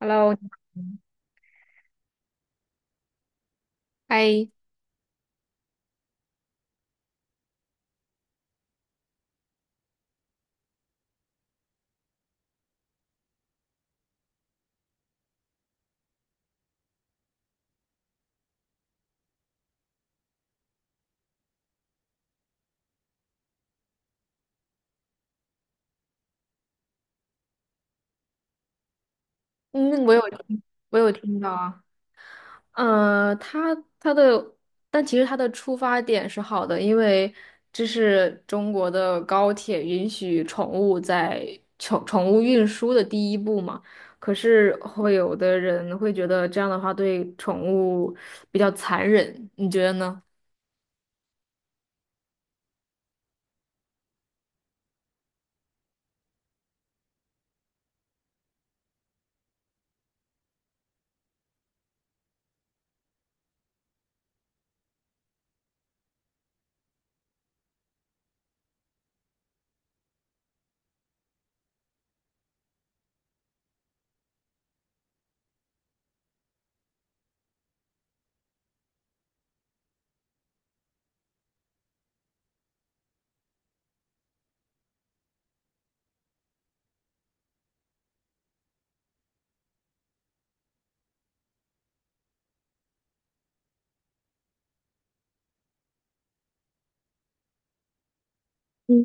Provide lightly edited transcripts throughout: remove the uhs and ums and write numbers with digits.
Hello，你好嗨，嗯，我有我有听到啊，他他的，但其实他的出发点是好的，因为这是中国的高铁允许宠物在宠物运输的第一步嘛。可是会有的人会觉得这样的话对宠物比较残忍，你觉得呢？嗯，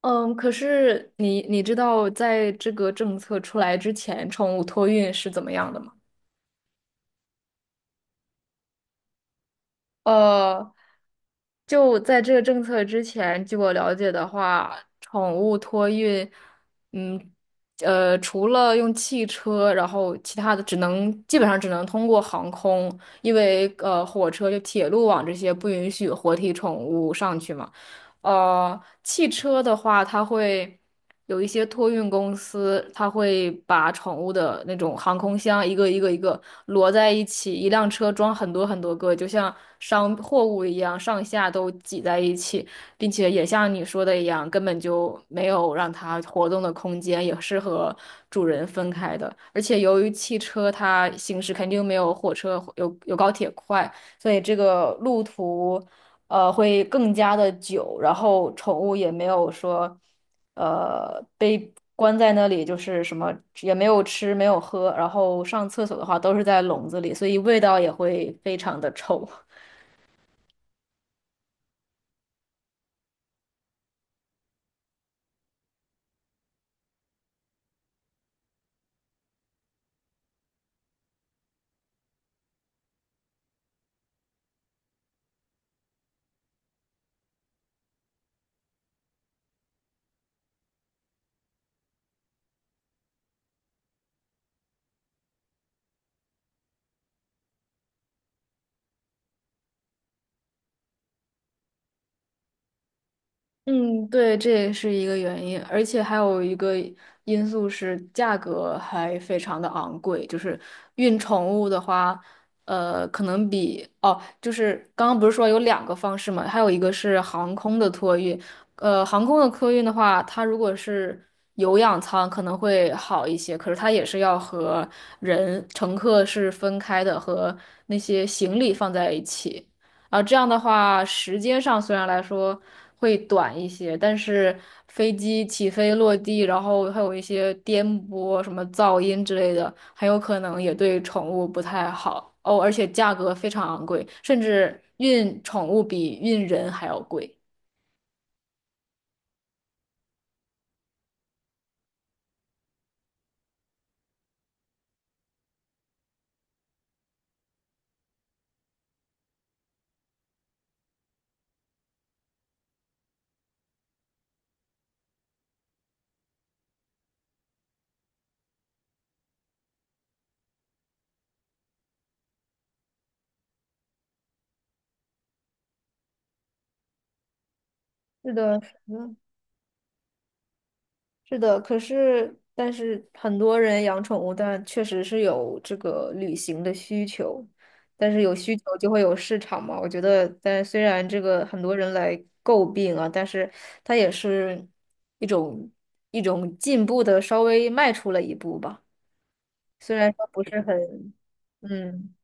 嗯，可是你知道在这个政策出来之前，宠物托运是怎么样的吗？呃，就在这个政策之前，据我了解的话，宠物托运，嗯，除了用汽车，然后其他的只能基本上只能通过航空，因为火车就铁路网这些不允许活体宠物上去嘛。汽车的话，它会有一些托运公司，它会把宠物的那种航空箱一个摞在一起，一辆车装很多很多个，就像商货物一样，上下都挤在一起，并且也像你说的一样，根本就没有让它活动的空间，也是和主人分开的。而且由于汽车它行驶肯定没有火车有高铁快，所以这个路途。会更加的久，然后宠物也没有说，被关在那里，就是什么也没有吃，没有喝，然后上厕所的话都是在笼子里，所以味道也会非常的臭。嗯，对，这也是一个原因，而且还有一个因素是价格还非常的昂贵，就是运宠物的话，可能比哦，就是刚刚不是说有两个方式嘛，还有一个是航空的托运，航空的托运的话，它如果是有氧舱可能会好一些，可是它也是要和人乘客是分开的，和那些行李放在一起。啊，这样的话，时间上虽然来说会短一些，但是飞机起飞落地，然后还有一些颠簸、什么噪音之类的，很有可能也对宠物不太好哦。而且价格非常昂贵，甚至运宠物比运人还要贵。是的，是的。是的，可是但是很多人养宠物，但确实是有这个旅行的需求，但是有需求就会有市场嘛。我觉得，但虽然这个很多人来诟病啊，但是它也是一种一种进步的，稍微迈出了一步吧。虽然说不是很，嗯。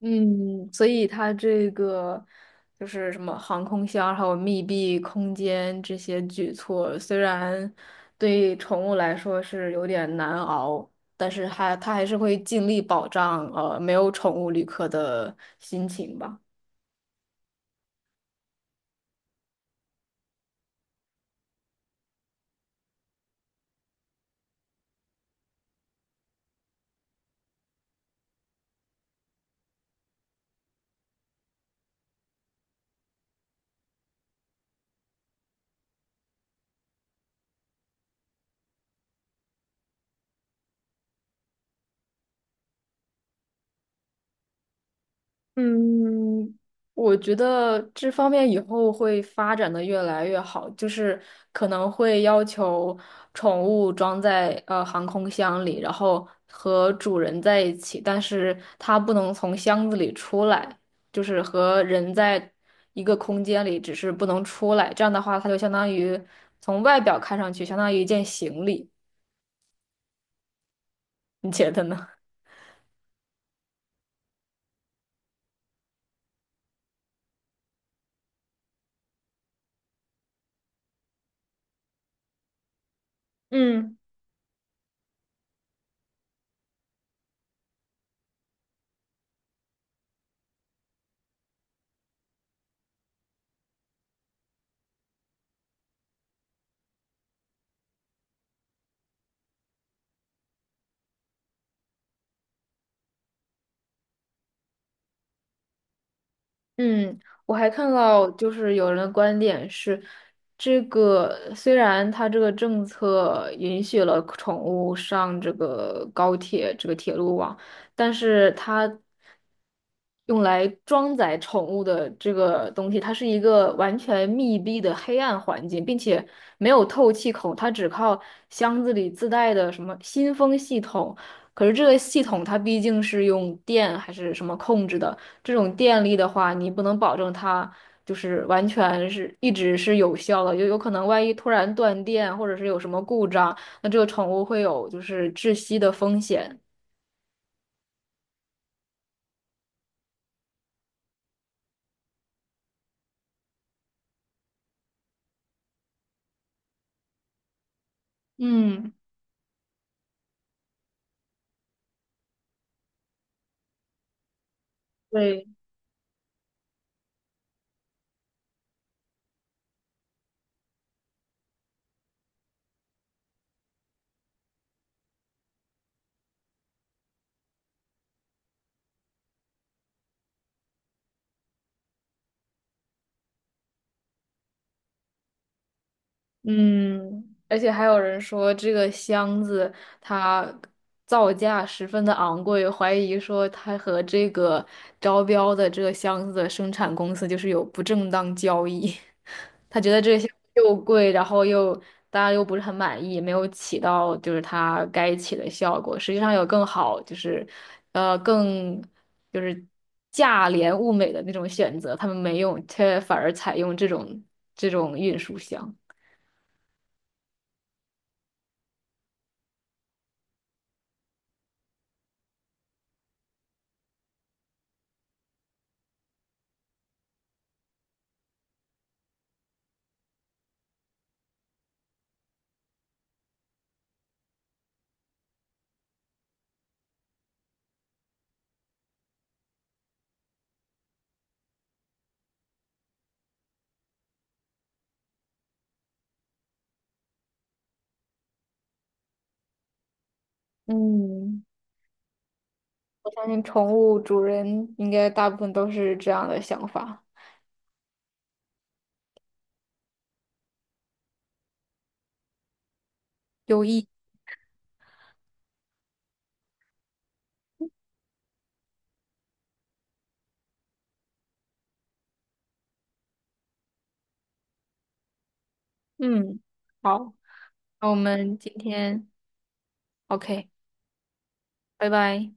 嗯，所以它这个就是什么航空箱，还有密闭空间这些举措，虽然对宠物来说是有点难熬，但是它还是会尽力保障没有宠物旅客的心情吧。嗯，我觉得这方面以后会发展的越来越好，就是可能会要求宠物装在航空箱里，然后和主人在一起，但是它不能从箱子里出来，就是和人在一个空间里，只是不能出来。这样的话，它就相当于从外表看上去相当于一件行李，你觉得呢？嗯。嗯，我还看到就是有人的观点是，这个虽然它这个政策允许了宠物上这个高铁这个铁路网，但是它用来装载宠物的这个东西，它是一个完全密闭的黑暗环境，并且没有透气孔，它只靠箱子里自带的什么新风系统。可是这个系统它毕竟是用电还是什么控制的，这种电力的话，你不能保证它就是完全是一直是有效的，就有可能万一突然断电或者是有什么故障，那这个宠物会有就是窒息的风险。嗯，对，嗯，而且还有人说这个箱子它造价十分的昂贵，怀疑说它和这个招标的这个箱子的生产公司就是有不正当交易。他觉得这些又贵，然后又大家又不是很满意，没有起到就是它该起的效果。实际上有更好，就是呃更就是价廉物美的那种选择，他们没用，却反而采用这种运输箱。嗯，我相信宠物主人应该大部分都是这样的想法，有益。嗯，好，那我们今天 OK，拜拜。